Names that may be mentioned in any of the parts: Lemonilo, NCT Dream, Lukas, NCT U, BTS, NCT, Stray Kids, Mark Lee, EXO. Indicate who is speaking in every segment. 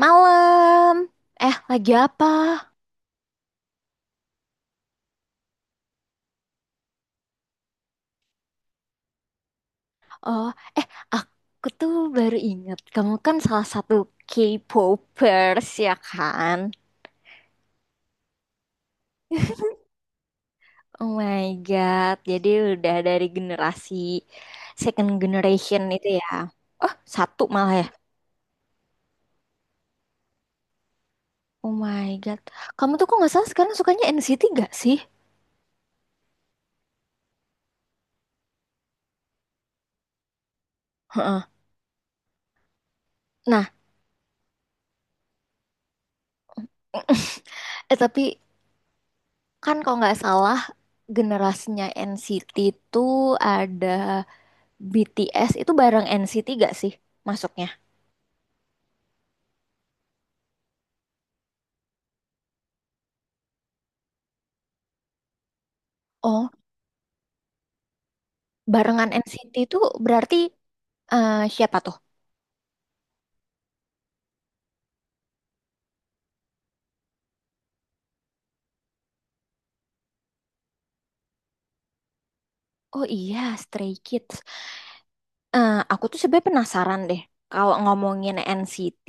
Speaker 1: Malam. Lagi apa? Oh, eh, aku tuh baru ingat, kamu kan salah satu K-popers, ya kan? Oh my God. Jadi udah dari generasi second generation itu ya. Oh, satu malah ya. Oh my God. Kamu tuh kok nggak salah sekarang sukanya NCT gak sih? Heeh. Nah, tapi kan kalau nggak salah generasinya NCT tuh ada BTS itu bareng NCT gak sih masuknya? Oh, barengan NCT itu berarti siapa tuh? Oh iya, Stray Kids. Aku tuh sebenarnya penasaran deh. Kalau ngomongin NCT,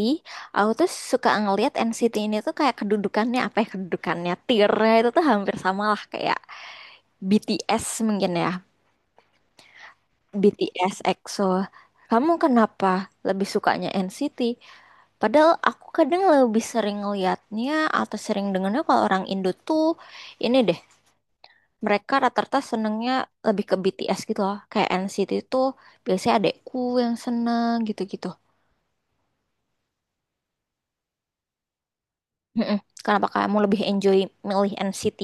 Speaker 1: aku tuh suka ngelihat NCT ini tuh kayak kedudukannya, apa ya, kedudukannya tiernya itu tuh hampir sama lah kayak BTS mungkin ya. BTS, EXO. Kamu kenapa lebih sukanya NCT? Padahal aku kadang lebih sering liatnya atau sering dengarnya kalau orang Indo tuh ini deh, mereka rata-rata senengnya lebih ke BTS gitu loh. Kayak NCT itu biasanya adekku yang seneng gitu-gitu. Mm-mm. Kenapa kamu lebih enjoy milih NCT?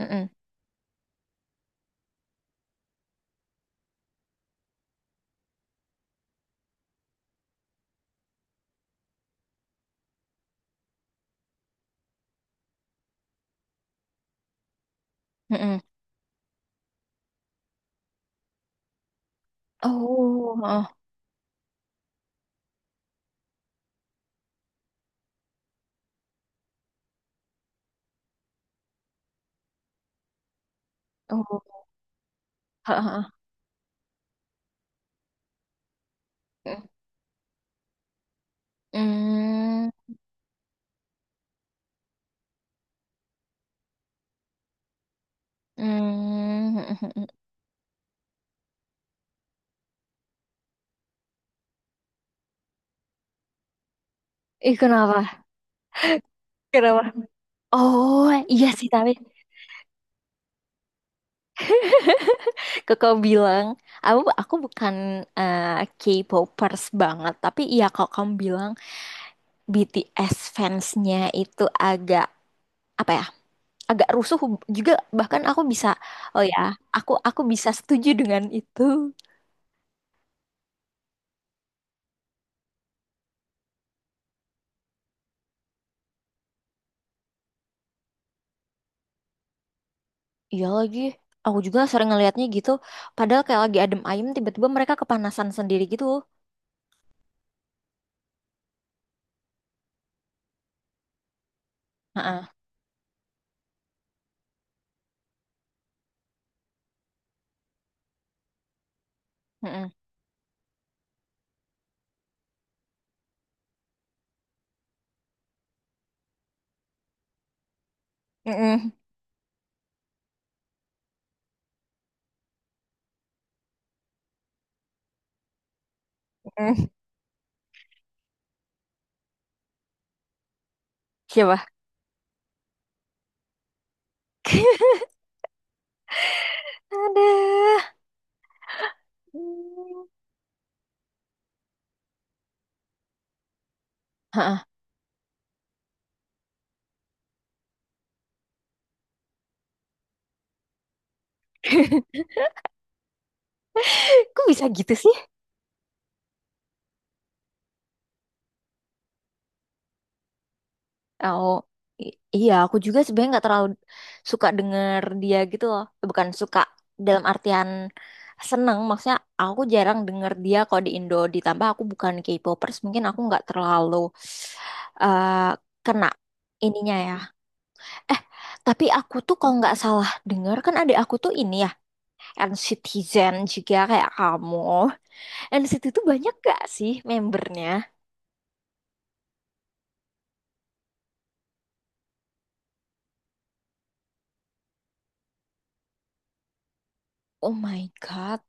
Speaker 1: Mm-mm. Mm-mm. Oh, heeh. Oh, heeh. Mm, mm. Ih, kenapa? Kenapa? Oh, iya sih tapi Kakak bilang, aku bukan K-popers banget, tapi ya kalau kamu bilang BTS fansnya itu agak, apa ya, agak rusuh juga. Bahkan aku bisa, oh ya, aku bisa setuju dengan itu. Iya lagi, aku juga sering ngelihatnya gitu. Padahal kayak lagi adem ayem, tiba-tiba mereka kepanasan sendiri gitu. Heeh, heeh, heeh, heeh. Siapa? Ada. Hmm. Heeh. Kok bisa gitu sih? Oh, iya, aku juga sebenarnya nggak terlalu suka denger dia gitu loh. Bukan suka dalam artian seneng, maksudnya aku jarang denger dia kalau di Indo. Ditambah aku bukan K-popers, mungkin aku nggak terlalu eh, kena ininya ya. Eh, tapi aku tuh kalau nggak salah denger kan ada aku tuh ini ya, NCTzen juga kayak kamu. NCT tuh banyak gak sih membernya? Oh my God.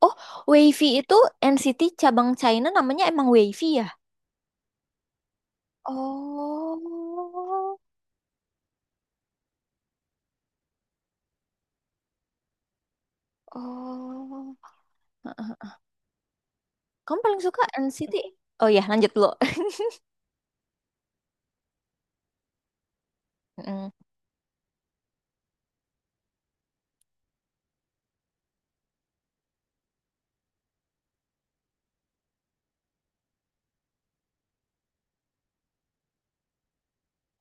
Speaker 1: Oh, Wavy itu NCT cabang China namanya emang Wavy ya? Oh, oh, heeh. Kamu paling suka NCT? Oh ya, lanjut dulu. Mm.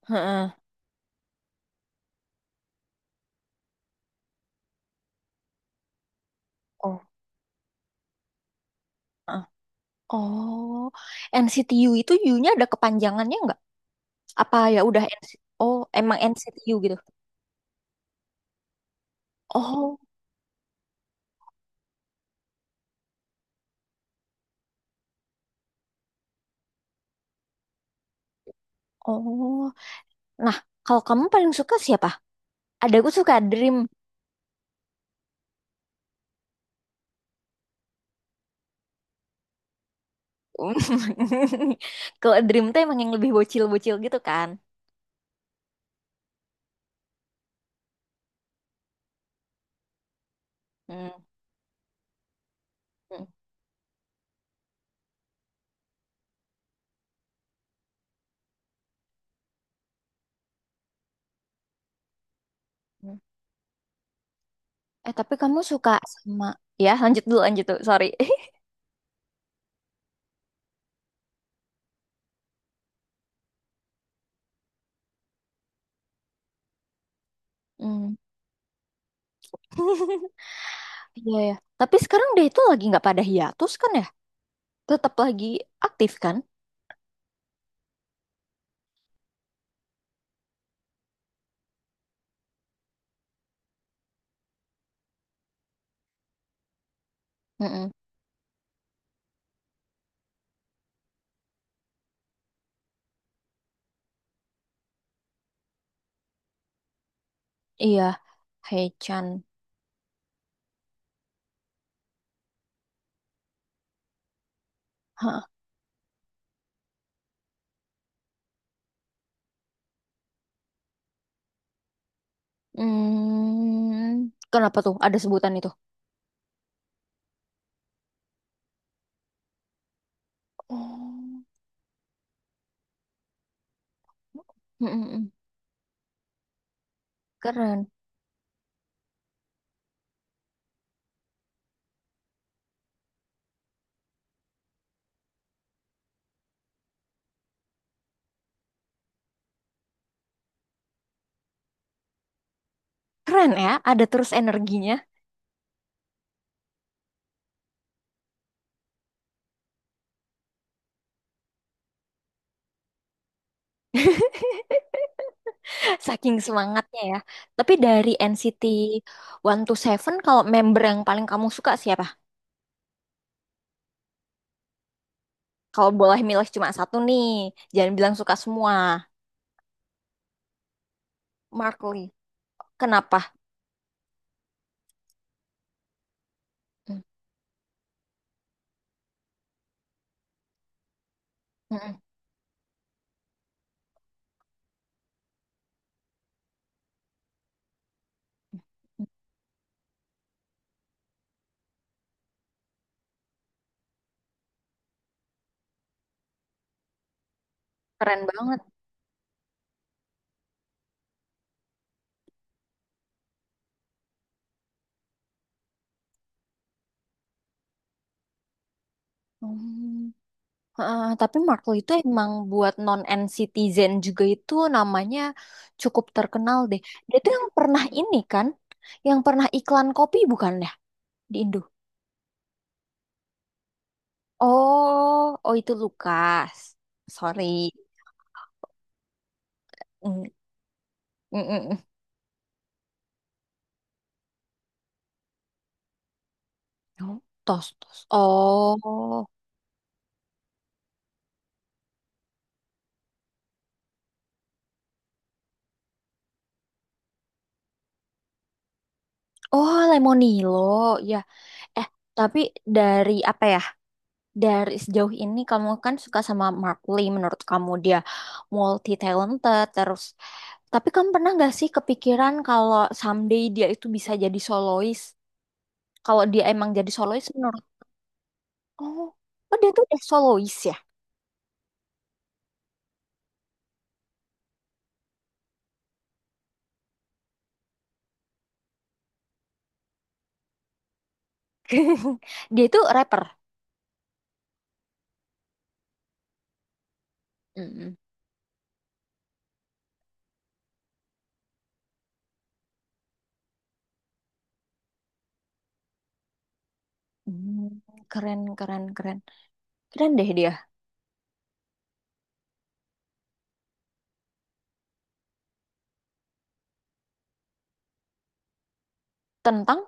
Speaker 1: Heeh, oh, heeh. Oh, NCT U itu U-nya ada kepanjangannya nggak? Apa ya udah NCT? Oh, emang NCT U gitu. Oh, oh. Nah, kalau kamu paling suka siapa? Ada, aku suka Dream. Kalau Dream tuh emang yang lebih bocil-bocil gitu kan. Hmm. Hmm. Hmm. Tapi kamu suka sama, ya, lanjut dulu. Sorry. Hmm. Iya ya. Tapi sekarang dia itu lagi nggak pada hiatus kan ya? Tetap lagi aktif kan? Mm-mm. Iya. Hei-chan. Hah. Hmm. Kenapa tuh ada sebutan itu? Oh. Mm-mm-mm. Keren. Keren ya, ada terus energinya. Saking semangatnya ya. Tapi dari NCT Seven kalau member yang paling kamu suka siapa? Kalau boleh milih cuma satu nih, jangan bilang suka semua. Mark Lee. Kenapa? Hmm. Mm-mm. Keren banget. Hmm. Heeh, tapi Mark Lee itu emang buat non-N-citizen juga itu namanya cukup terkenal deh. Dia tuh yang pernah ini kan, yang pernah iklan kopi bukan ya di Indo? Oh, oh itu Lukas. Sorry. Mm, mm. Oh, tos, tos. Oh, oh Lemonilo. Ya, eh tapi dari apa ya? Dari sejauh ini kamu kan suka sama Mark Lee, menurut kamu dia multi talented terus. Tapi kamu pernah nggak sih kepikiran kalau someday dia itu bisa jadi solois? Kalau dia emang jadi solois menurut, oh, oh dia tuh udah solois ya. Dia itu rapper. Mm-mm. Hmm, keren keren keren. Keren deh dia. Tentang,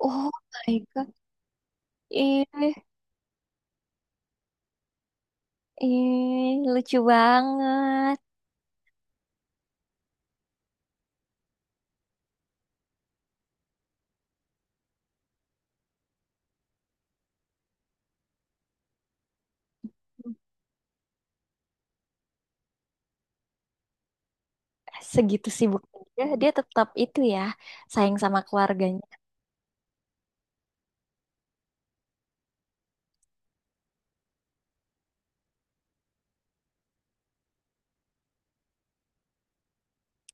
Speaker 1: oh my God. Ih, Ih, lucu banget. Segitu sibuk dia tetap itu ya, sayang sama keluarganya.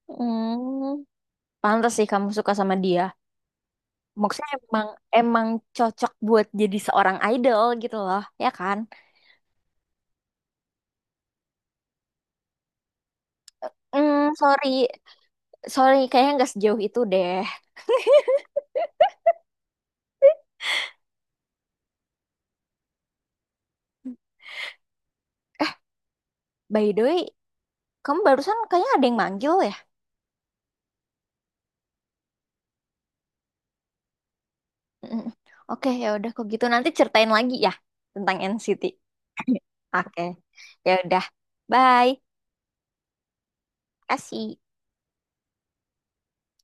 Speaker 1: Hmm, pantas sih kamu suka sama dia. Maksudnya emang emang cocok buat jadi seorang idol gitu loh, ya kan? Hmm, sorry, kayaknya nggak sejauh itu deh. By the way, kamu barusan kayaknya ada yang manggil ya? Mm, oke, ya udah kok gitu nanti ceritain lagi ya tentang NCT. Oke, ya udah, bye, kasih.